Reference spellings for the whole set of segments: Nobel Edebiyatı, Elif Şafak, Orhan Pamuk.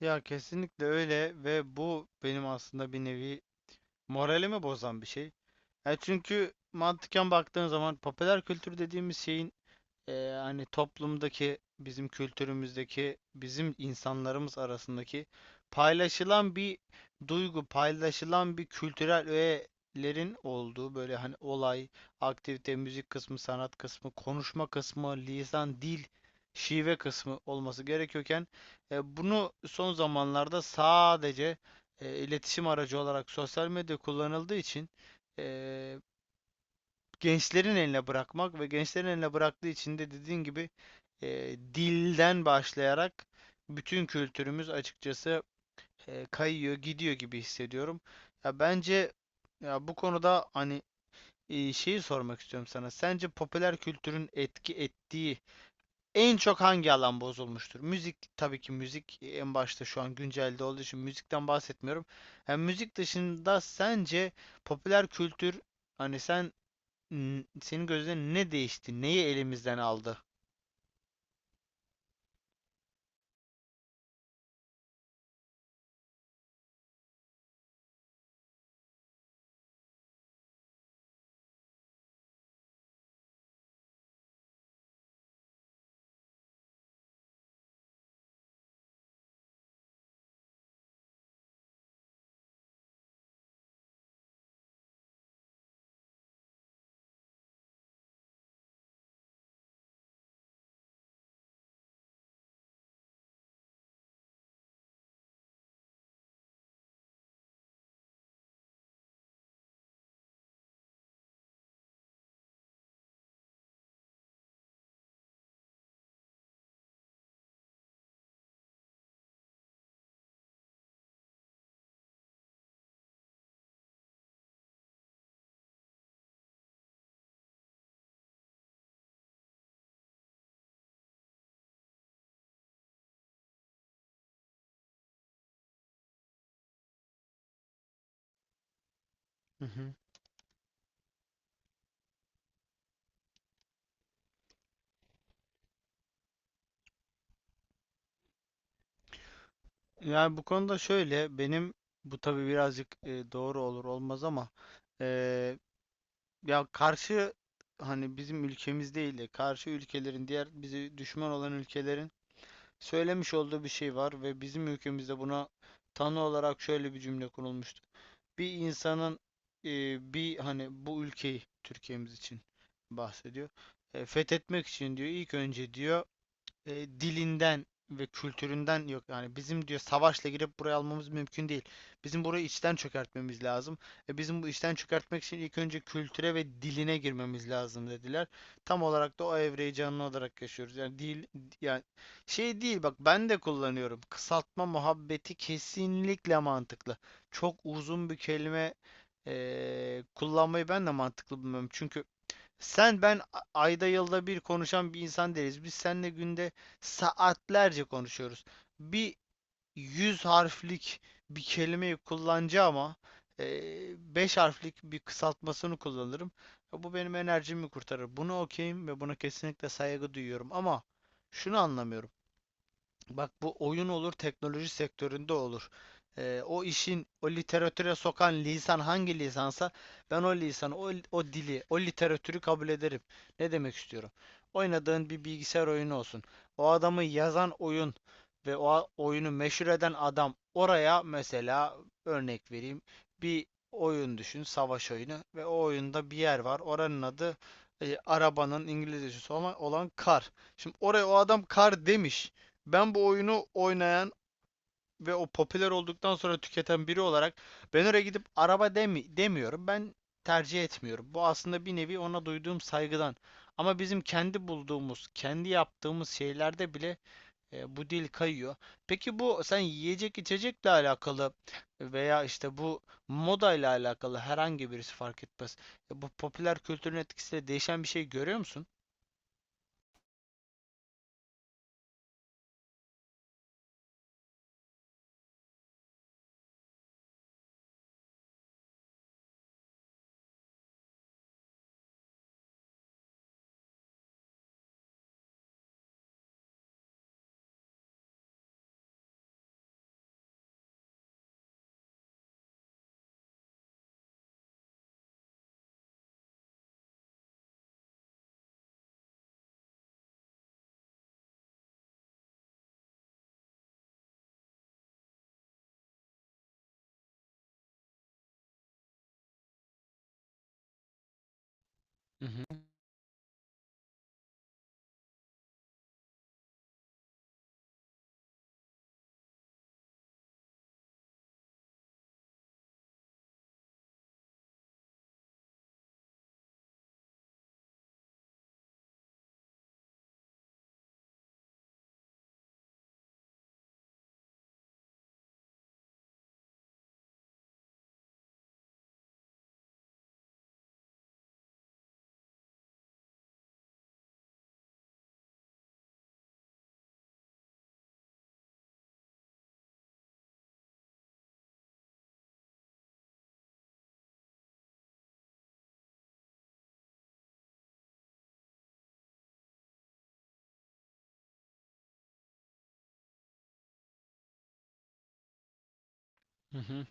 Ya kesinlikle öyle ve bu benim aslında bir nevi moralimi bozan bir şey. Çünkü mantıken baktığın zaman popüler kültür dediğimiz şeyin e, hani toplumdaki bizim kültürümüzdeki bizim insanlarımız arasındaki paylaşılan bir duygu, paylaşılan bir kültürel öğelerin olduğu böyle hani olay, aktivite, müzik kısmı, sanat kısmı, konuşma kısmı, lisan, dil, şive kısmı olması gerekiyorken bunu son zamanlarda sadece iletişim aracı olarak sosyal medya kullanıldığı için e, gençlerin eline bırakmak ve gençlerin eline bıraktığı için de dediğin gibi dilden başlayarak bütün kültürümüz açıkçası kayıyor, gidiyor gibi hissediyorum. Ya bence ya bu konuda hani şeyi sormak istiyorum sana. Sence popüler kültürün etki ettiği en çok hangi alan bozulmuştur? Müzik, tabii ki müzik en başta şu an güncelde olduğu için müzikten bahsetmiyorum. Yani müzik dışında sence popüler kültür hani sen senin gözlerin ne değişti? Neyi elimizden aldı? Hı hı. Yani bu konuda şöyle benim bu tabii birazcık doğru olur olmaz ama e, ya karşı hani bizim ülkemiz değil de karşı ülkelerin diğer bizi düşman olan ülkelerin söylemiş olduğu bir şey var ve bizim ülkemizde buna tanı olarak şöyle bir cümle kurulmuştu. Bir insanın e, bir hani bu ülkeyi Türkiye'miz için bahsediyor. Fethetmek için diyor, ilk önce diyor dilinden ve kültüründen, yok yani bizim diyor savaşla girip buraya almamız mümkün değil. Bizim burayı içten çökertmemiz lazım. Bizim bu içten çökertmek için ilk önce kültüre ve diline girmemiz lazım dediler. Tam olarak da o evreyi canlı olarak yaşıyoruz. Yani dil, yani şey değil, bak ben de kullanıyorum. Kısaltma muhabbeti kesinlikle mantıklı. Çok uzun bir kelime kullanmayı ben de mantıklı bulmuyorum. Çünkü sen ben ayda yılda bir konuşan bir insan değiliz. Biz seninle günde saatlerce konuşuyoruz. Bir yüz harflik bir kelimeyi kullanacağım ama beş harflik bir kısaltmasını kullanırım. Bu benim enerjimi kurtarır. Bunu okeyim ve buna kesinlikle saygı duyuyorum. Ama şunu anlamıyorum. Bak bu oyun olur, teknoloji sektöründe olur. O işin, o literatüre sokan lisan hangi lisansa ben o lisanı, o dili, o literatürü kabul ederim. Ne demek istiyorum? Oynadığın bir bilgisayar oyunu olsun. O adamı yazan oyun ve o oyunu meşhur eden adam oraya mesela örnek vereyim. Bir oyun düşün, savaş oyunu ve o oyunda bir yer var. Oranın adı arabanın İngilizcesi olan, kar. Şimdi oraya o adam kar demiş. Ben bu oyunu oynayan ve o popüler olduktan sonra tüketen biri olarak ben oraya gidip araba demiyorum. Ben tercih etmiyorum. Bu aslında bir nevi ona duyduğum saygıdan. Ama bizim kendi bulduğumuz, kendi yaptığımız şeylerde bile bu dil kayıyor. Peki bu sen yiyecek içecekle alakalı veya işte bu modayla alakalı herhangi birisi fark etmez. Bu popüler kültürün etkisiyle değişen bir şey görüyor musun? Hı hı. Hı hı.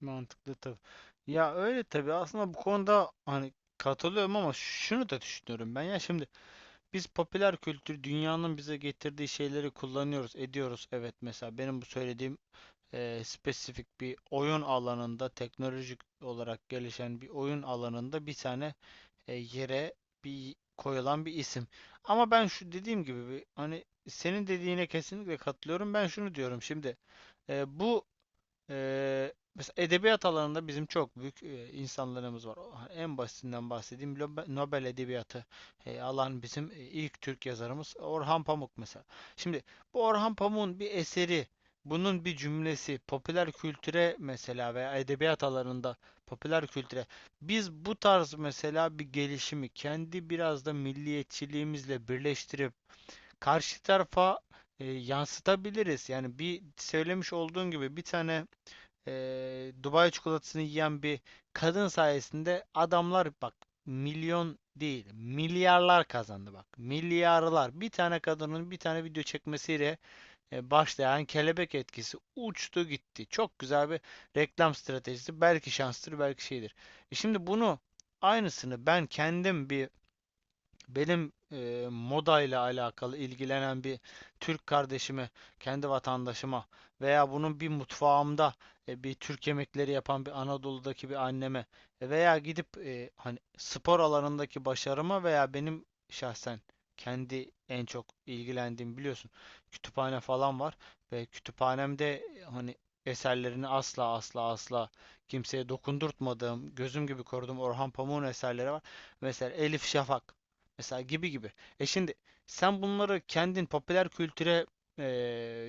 Mantıklı tabii. Ya öyle tabii aslında bu konuda hani katılıyorum ama şunu da düşünüyorum ben, ya şimdi biz popüler kültür dünyanın bize getirdiği şeyleri kullanıyoruz, ediyoruz, evet, mesela benim bu söylediğim spesifik bir oyun alanında teknolojik olarak gelişen bir oyun alanında bir tane yere bir koyulan bir isim ama ben şu dediğim gibi bir, hani senin dediğine kesinlikle katılıyorum, ben şunu diyorum şimdi e, bu mesela edebiyat alanında bizim çok büyük insanlarımız var. En basitinden bahsedeyim. Nobel Edebiyatı alan bizim ilk Türk yazarımız Orhan Pamuk mesela. Şimdi bu Orhan Pamuk'un bir eseri, bunun bir cümlesi popüler kültüre mesela veya edebiyat alanında popüler kültüre biz bu tarz mesela bir gelişimi kendi biraz da milliyetçiliğimizle birleştirip karşı tarafa yansıtabiliriz. Yani bir söylemiş olduğun gibi bir tane Dubai çikolatasını yiyen bir kadın sayesinde adamlar bak milyon değil milyarlar kazandı, bak. Milyarlar. Bir tane kadının bir tane video çekmesiyle başlayan kelebek etkisi uçtu gitti. Çok güzel bir reklam stratejisi. Belki şanstır, belki şeydir. Şimdi bunu aynısını ben kendim bir benim moda ile alakalı ilgilenen bir Türk kardeşime, kendi vatandaşıma veya bunun bir mutfağımda bir Türk yemekleri yapan bir Anadolu'daki bir anneme veya gidip hani spor alanındaki başarıma veya benim şahsen kendi en çok ilgilendiğim, biliyorsun, kütüphane falan var ve kütüphanemde hani eserlerini asla asla asla kimseye dokundurtmadığım, gözüm gibi koruduğum Orhan Pamuk'un eserleri var. Mesela Elif Şafak. Mesela gibi gibi. Şimdi sen bunları kendin popüler kültüre e,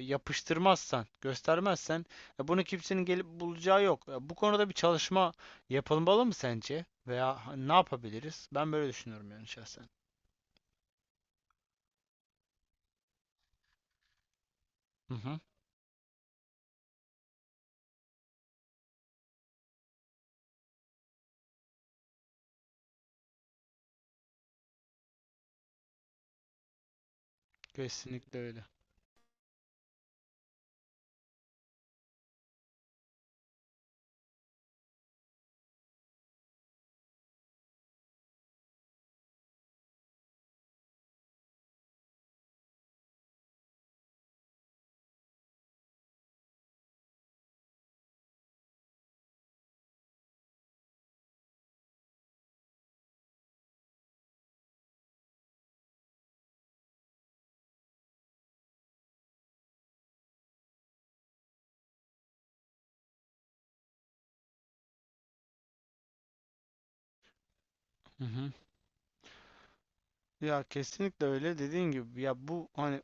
yapıştırmazsan, göstermezsen bunu kimsenin gelip bulacağı yok. Bu konuda bir çalışma yapılmalı mı sence? Veya ne yapabiliriz? Ben böyle düşünüyorum yani şahsen. Hı hı. Kesinlikle öyle. Hı hı. Ya kesinlikle öyle dediğin gibi, ya bu hani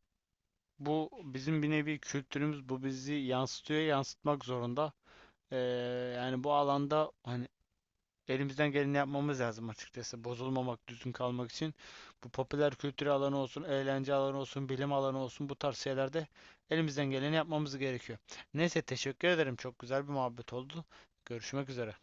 bu bizim bir nevi kültürümüz, bu bizi yansıtıyor, yansıtmak zorunda. E, yani bu alanda hani elimizden geleni yapmamız lazım açıkçası. Bozulmamak, düzgün kalmak için. Bu popüler kültür alanı olsun, eğlence alanı olsun, bilim alanı olsun, bu tarz şeylerde elimizden geleni yapmamız gerekiyor. Neyse, teşekkür ederim. Çok güzel bir muhabbet oldu. Görüşmek üzere.